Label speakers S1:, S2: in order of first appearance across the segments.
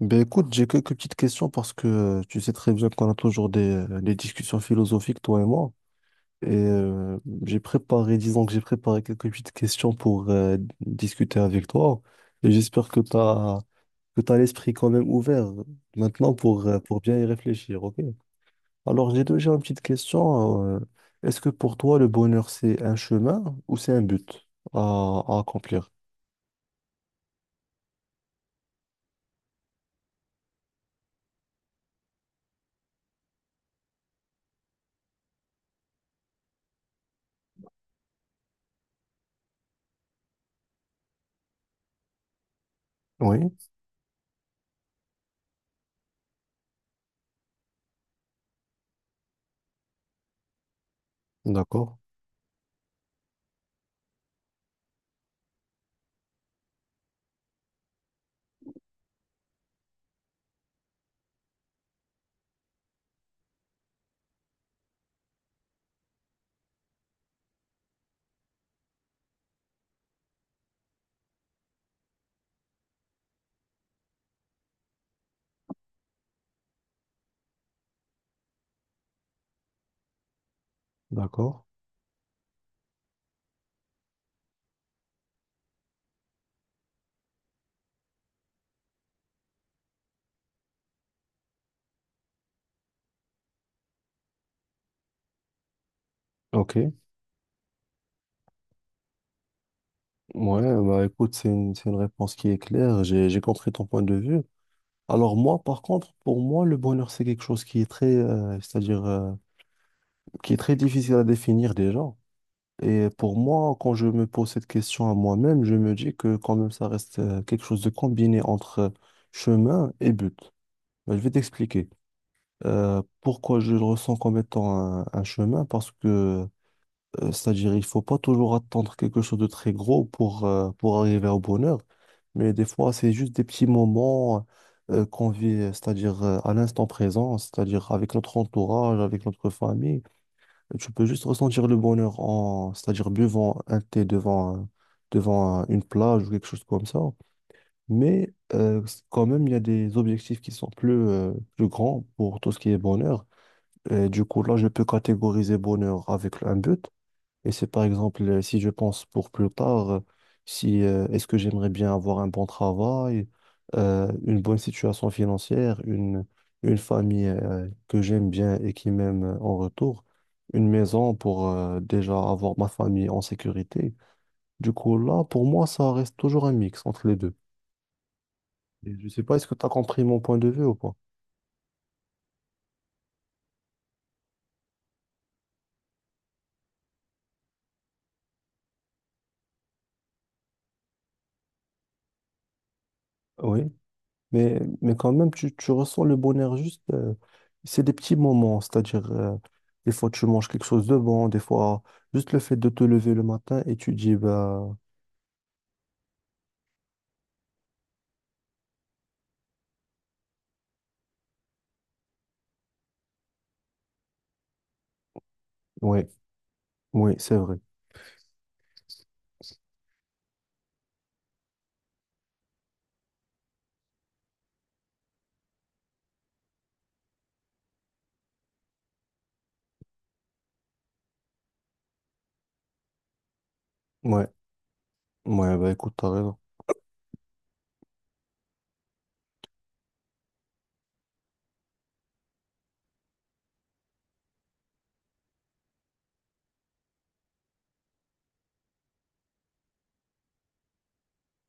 S1: Ben écoute, j'ai quelques petites questions parce que tu sais très bien qu'on a toujours des discussions philosophiques, toi et moi. Et j'ai préparé, disons que j'ai préparé quelques petites questions pour discuter avec toi. Et j'espère que tu as, que tu l'esprit quand même ouvert maintenant pour bien y réfléchir, ok? Alors j'ai déjà une petite question. Est-ce que pour toi, le bonheur, c'est un chemin ou c'est un but à accomplir? Oui, d'accord, d'accord, ok. Ouais, bah écoute, c'est une réponse qui est claire. J'ai compris ton point de vue. Alors moi, par contre, pour moi, le bonheur, c'est quelque chose qui est très, c'est-à-dire, qui est très difficile à définir déjà. Et pour moi, quand je me pose cette question à moi-même, je me dis que quand même, ça reste quelque chose de combiné entre chemin et but. Bah, je vais t'expliquer pourquoi je le ressens comme étant un chemin, parce que C'est-à-dire, il faut pas toujours attendre quelque chose de très gros pour arriver au bonheur, mais des fois, c'est juste des petits moments qu'on vit, c'est-à-dire à l'instant présent, c'est-à-dire avec notre entourage, avec notre famille. Tu peux juste ressentir le bonheur en, c'est-à-dire buvant un thé devant, une plage ou quelque chose comme ça. Mais quand même, il y a des objectifs qui sont plus, plus grands pour tout ce qui est bonheur. Et du coup, là, je peux catégoriser bonheur avec un but. Et c'est par exemple, si je pense pour plus tard, si est-ce que j'aimerais bien avoir un bon travail, une bonne situation financière, une famille que j'aime bien et qui m'aime en retour, une maison pour déjà avoir ma famille en sécurité. Du coup, là, pour moi, ça reste toujours un mix entre les deux. Et je sais pas, est-ce que tu as compris mon point de vue ou pas? Oui. Mais quand même, tu ressens le bonheur juste. C'est des petits moments, c'est-à-dire, des fois, tu manges quelque chose de bon, des fois, juste le fait de te lever le matin et tu dis, bah, ouais, oui, c'est vrai. Ouais, ouais, bah, écoute, t'as raison.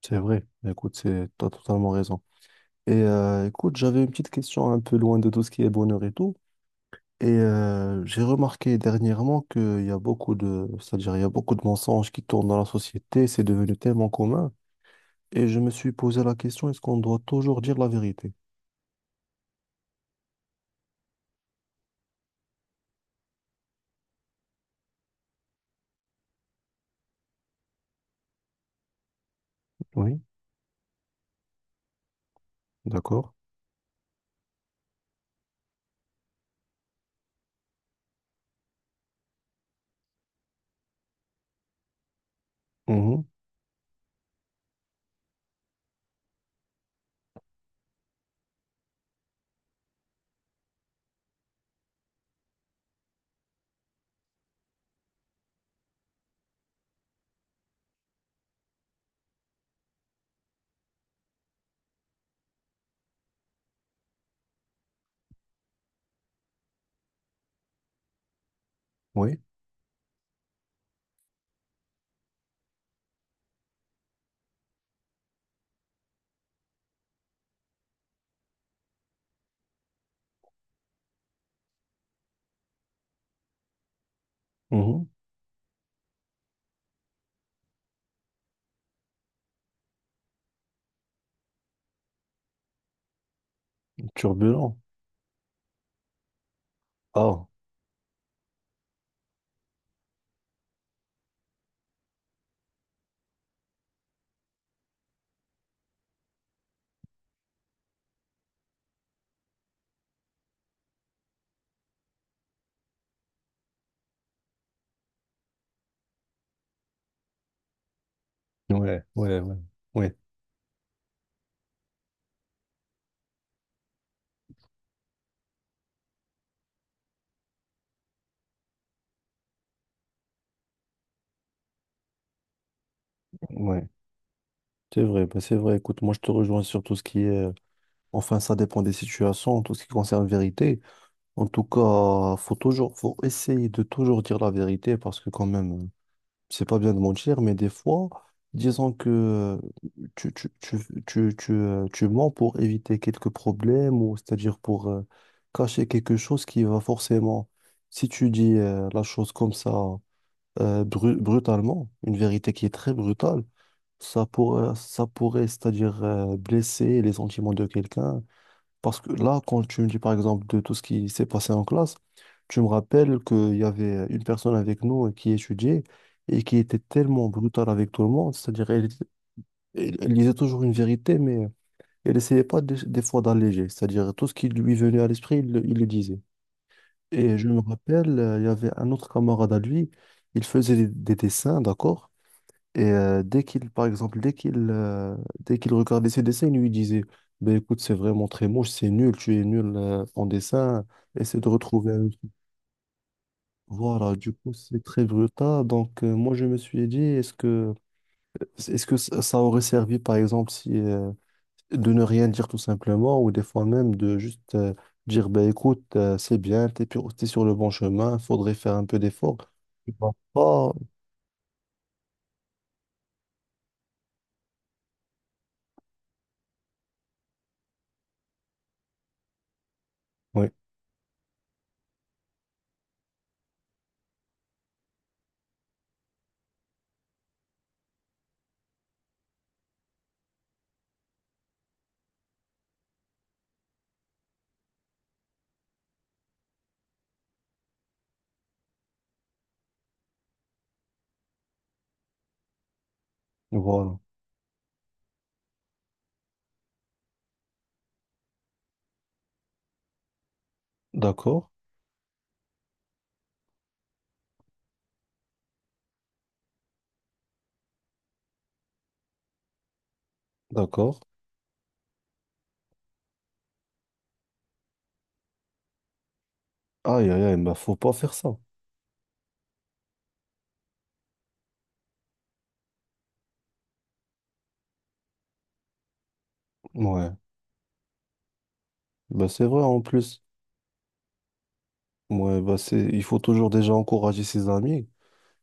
S1: C'est vrai. Bah, écoute, c'est, t'as totalement raison. Et écoute, j'avais une petite question un peu loin de tout ce qui est bonheur et tout. Et j'ai remarqué dernièrement qu'il y a beaucoup de, c'est-à-dire, il y a beaucoup de mensonges qui tournent dans la société. C'est devenu tellement commun. Et je me suis posé la question, est-ce qu'on doit toujours dire la vérité? Oui, d'accord. Mhm. Oui, mhm. Turbulent. Ah. Ouais, ouais, ouais. Ouais. Ouais. C'est vrai, bah, c'est vrai. Écoute, moi, je te rejoins sur tout ce qui est... Enfin, ça dépend des situations, tout ce qui concerne vérité. En tout cas, faut toujours, faut essayer de toujours dire la vérité parce que quand même, c'est pas bien de mentir, mais des fois, disons que tu, tu, tu, tu, tu, tu mens pour éviter quelques problèmes, ou c'est-à-dire pour cacher quelque chose qui va forcément, si tu dis la chose comme ça, brutalement, une vérité qui est très brutale, ça pourrait, c'est-à-dire blesser les sentiments de quelqu'un, parce que là, quand tu me dis par exemple de tout ce qui s'est passé en classe, tu me rappelles qu'il y avait une personne avec nous qui étudiait et qui était tellement brutale avec tout le monde. C'est-à-dire, elle, elle disait toujours une vérité, mais elle essayait pas des, des fois d'alléger. C'est-à-dire, tout ce qui lui venait à l'esprit, il le disait. Et je me rappelle, il y avait un autre camarade à lui, il faisait des dessins, d'accord? Et dès qu'il, par exemple, dès qu'il regardait ses dessins, il lui disait, ben écoute, c'est vraiment très moche, c'est nul, tu es nul en dessin, essaie de retrouver un autre. Voilà, du coup, c'est très brutal. Donc, moi, je me suis dit, est-ce que ça aurait servi, par exemple, si, de ne rien dire tout simplement, ou des fois même de juste dire, ben écoute, c'est bien, t'es sur le bon chemin, faudrait faire un peu d'effort. Tu vas pas. Oui, voilà. D'accord, d'accord. Aïe, aïe, aïe, bah, faut pas faire ça. Ouais, bah, c'est vrai en plus. Ouais, bah, c'est, il faut toujours déjà encourager ses amis.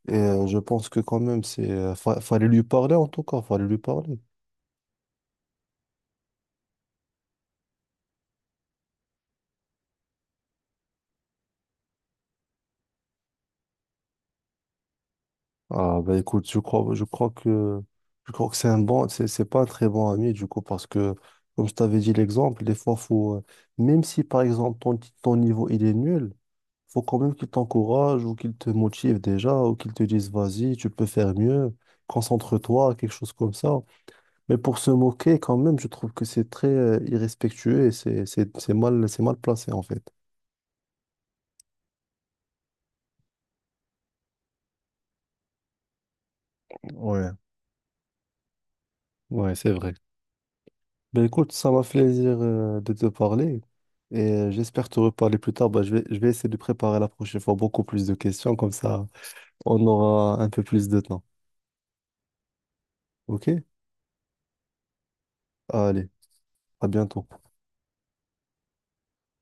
S1: Et je pense que quand même, c'est, fallait lui parler en tout cas, fallait lui parler. Ah, bah, écoute, je crois que c'est un bon, c'est pas un très bon ami du coup, parce que, comme je t'avais dit l'exemple, des fois, faut, même si par exemple ton niveau il est nul, faut quand même qu'il t'encourage ou qu'il te motive déjà, ou qu'il te dise, vas-y, tu peux faire mieux, concentre-toi, quelque chose comme ça. Mais pour se moquer, quand même, je trouve que c'est très irrespectueux et c'est mal placé, en fait. Ouais. Ouais, c'est vrai. Ben écoute, ça m'a fait plaisir de te parler et j'espère te reparler plus tard. Ben, je vais essayer de préparer la prochaine fois beaucoup plus de questions, comme ça on aura un peu plus de temps. Ok? Allez, à bientôt.